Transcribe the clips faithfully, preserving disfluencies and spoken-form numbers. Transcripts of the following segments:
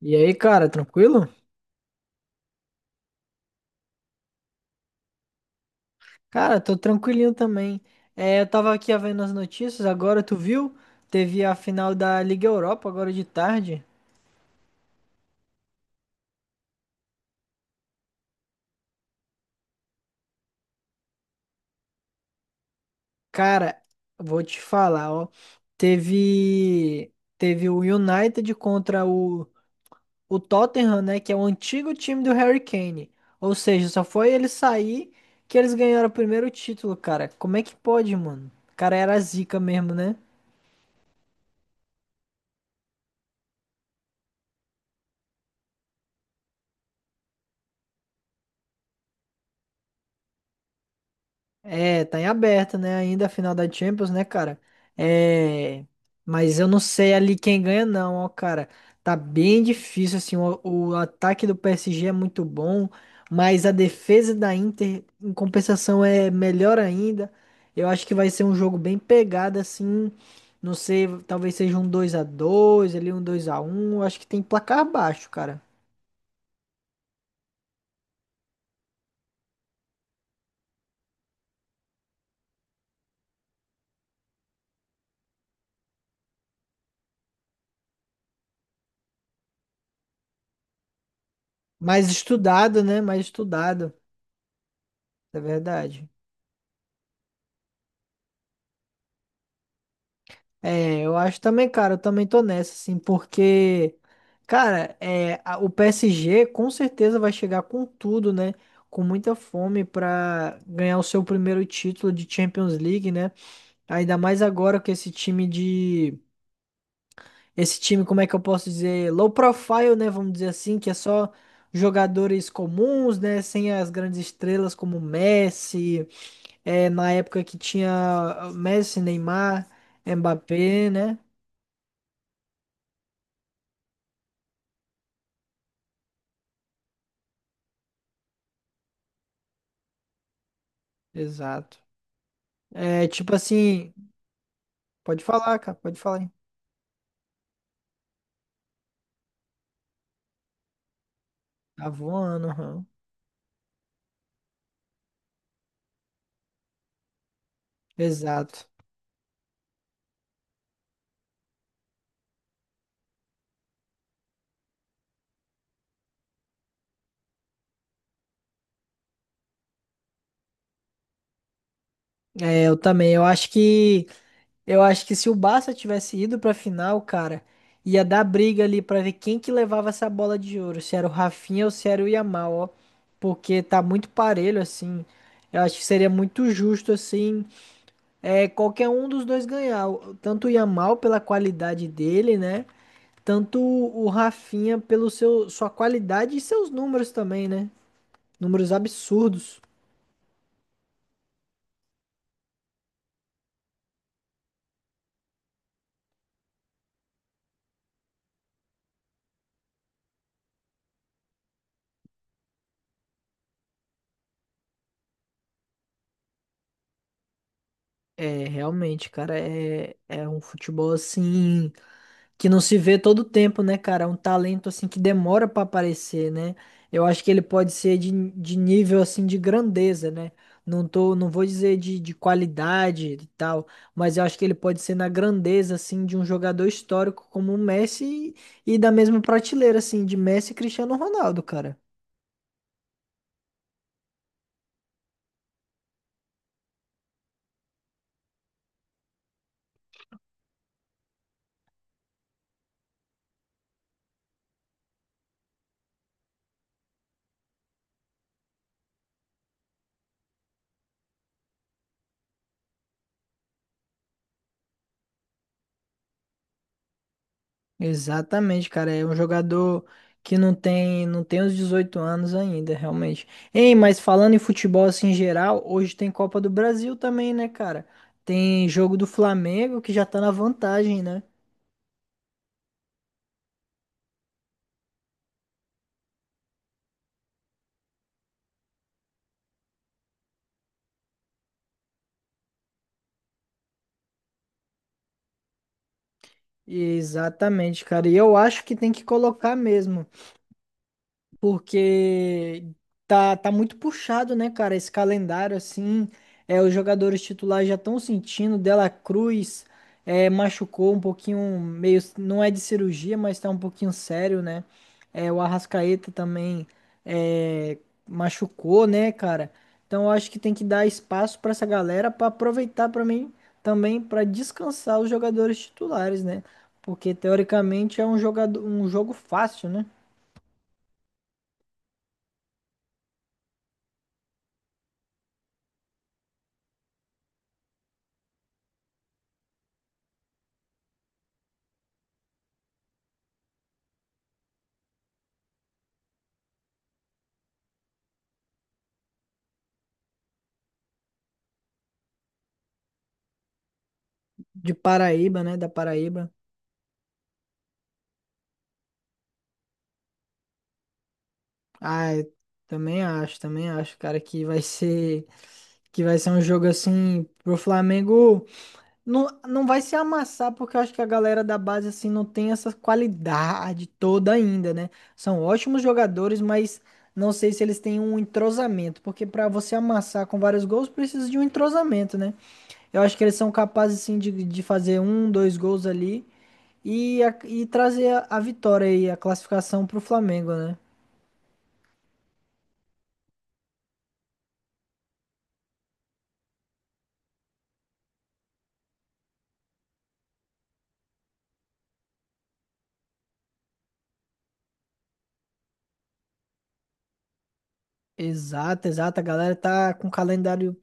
E aí, cara, tranquilo? Cara, tô tranquilinho também. É, eu tava aqui vendo as notícias, agora tu viu? Teve a final da Liga Europa agora de tarde. Cara, vou te falar, ó. Teve teve o United contra o, o Tottenham, né, que é o antigo time do Harry Kane. Ou seja, só foi ele sair que eles ganharam o primeiro título, cara. Como é que pode, mano? O cara era zica mesmo, né? É, tá em aberto, né? Ainda a final da Champions, né, cara? É. Mas eu não sei ali quem ganha, não, ó, cara. Tá bem difícil, assim. O, o ataque do P S G é muito bom, mas a defesa da Inter, em compensação, é melhor ainda. Eu acho que vai ser um jogo bem pegado, assim. Não sei, talvez seja um dois a dois, ali um dois a um. Acho que tem placar baixo, cara. Mais estudado, né? Mais estudado, é verdade. É, eu acho também, cara, eu também tô nessa, assim, porque, cara, é, a- o P S G com certeza vai chegar com tudo, né? Com muita fome pra ganhar o seu primeiro título de Champions League, né? Ainda mais agora que esse time de. Esse time, como é que eu posso dizer? Low profile, né? Vamos dizer assim, que é só jogadores comuns, né? Sem as grandes estrelas como Messi, é, na época que tinha ah, Messi, Neymar, Mbappé, né? Exato. É tipo assim, pode falar, cara, pode falar. Hein? Tá voando, aham. Exato. É, eu também. Eu acho que eu acho que se o Barça tivesse ido pra final, cara, ia dar briga ali pra ver quem que levava essa bola de ouro, se era o Rafinha ou se era o Yamal, ó. Porque tá muito parelho assim. Eu acho que seria muito justo assim, é, qualquer um dos dois ganhar, O- tanto o Yamal pela qualidade dele, né? Tanto o Rafinha pelo seu sua qualidade e seus números também, né? Números absurdos. É, realmente, cara, é, é um futebol assim que não se vê todo tempo, né, cara? É um talento assim que demora pra aparecer, né? Eu acho que ele pode ser de, de nível assim de grandeza, né? Não tô, não vou dizer de, de qualidade e tal, mas eu acho que ele pode ser na grandeza assim de um jogador histórico como o Messi e, e da mesma prateleira assim de Messi e Cristiano Ronaldo, cara. Exatamente, cara. É um jogador que não tem, não tem os dezoito anos ainda, realmente. Ei, mas falando em futebol assim em geral, hoje tem Copa do Brasil também, né, cara? Tem jogo do Flamengo que já tá na vantagem, né? Exatamente, cara. E eu acho que tem que colocar mesmo. Porque tá, tá muito puxado, né, cara, esse calendário assim, é, os jogadores titulares já estão sentindo, Dela Cruz é, machucou um pouquinho, meio, não é de cirurgia, mas tá um pouquinho sério, né, é, o Arrascaeta também é, machucou, né, cara, então eu acho que tem que dar espaço pra essa galera pra aproveitar para mim também pra descansar os jogadores titulares, né, porque teoricamente é um jogador, um jogo fácil, né? De Paraíba, né? Da Paraíba. Ah, eu também acho, também acho, cara, que vai ser que vai ser um jogo assim pro Flamengo não, não vai se amassar porque eu acho que a galera da base assim não tem essa qualidade toda ainda, né? São ótimos jogadores, mas não sei se eles têm um entrosamento, porque pra você amassar com vários gols precisa de um entrosamento, né? Eu acho que eles são capazes assim de, de fazer um, dois gols ali. E, a- e trazer a, a vitória e a classificação pro Flamengo, né? Exato, exato. A galera tá com um calendário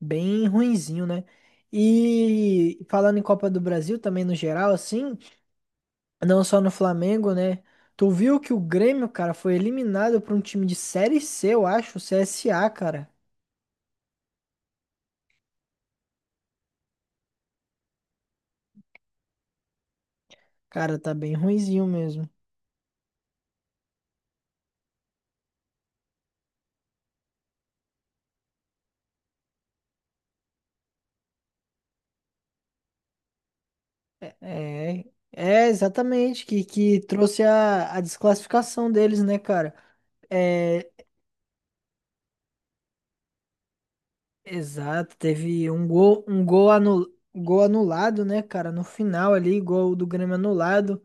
bem ruinzinho, né? E falando em Copa do Brasil também no geral, assim, não só no Flamengo, né? Tu viu que o Grêmio, cara, foi eliminado por um time de Série C, eu acho, o C S A, cara. Cara, tá bem ruinzinho mesmo. É, é exatamente, que, que trouxe a, a desclassificação deles, né, cara? É. Exato, teve um gol, um gol, anu, gol anulado, né, cara? No final ali, gol do Grêmio anulado.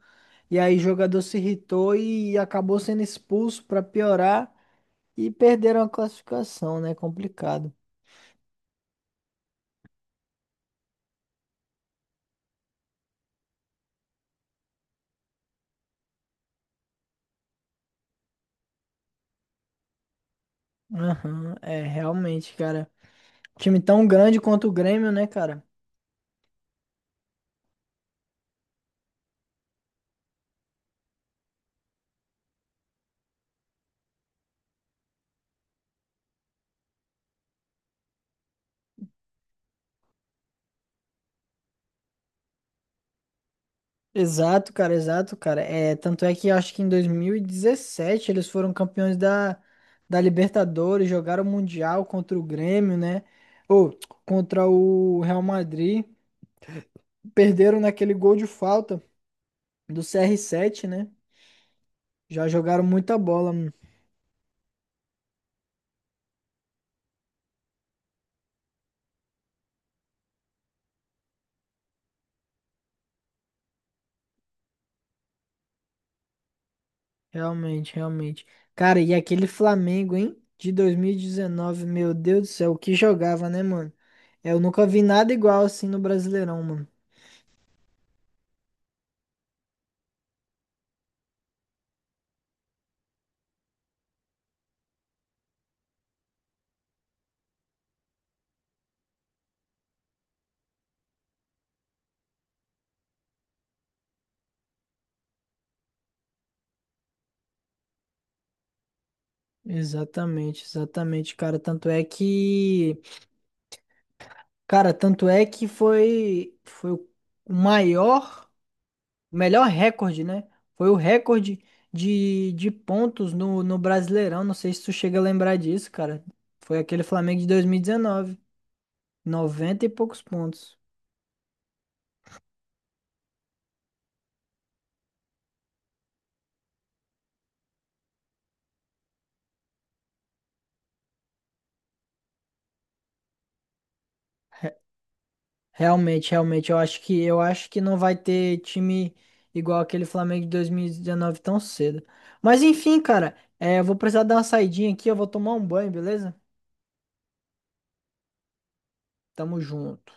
E aí o jogador se irritou e acabou sendo expulso pra piorar e perderam a classificação, né? Complicado. Aham, é, realmente, cara. Time tão grande quanto o Grêmio, né, cara? Exato, cara, exato, cara. É, tanto é que eu acho que em dois mil e dezessete eles foram campeões da, da Libertadores, jogaram o Mundial contra o Grêmio, né? Ou contra o Real Madrid. Perderam naquele gol de falta do C R sete, né? Já jogaram muita bola, mano. Realmente, realmente. Cara, e aquele Flamengo, hein? De dois mil e dezenove, meu Deus do céu, o que jogava, né, mano? Eu nunca vi nada igual assim no Brasileirão, mano. Exatamente, exatamente, cara. Tanto é que, cara, tanto é que foi, foi o maior, o melhor recorde, né? Foi o recorde de, de pontos no, no Brasileirão. Não sei se tu chega a lembrar disso, cara. Foi aquele Flamengo de dois mil e dezenove, noventa e poucos pontos. Re- Realmente, realmente, eu acho que eu acho que não vai ter time igual aquele Flamengo de dois mil e dezenove tão cedo. Mas enfim, cara, é, eu vou precisar dar uma saidinha aqui, eu vou tomar um banho, beleza? Tamo junto.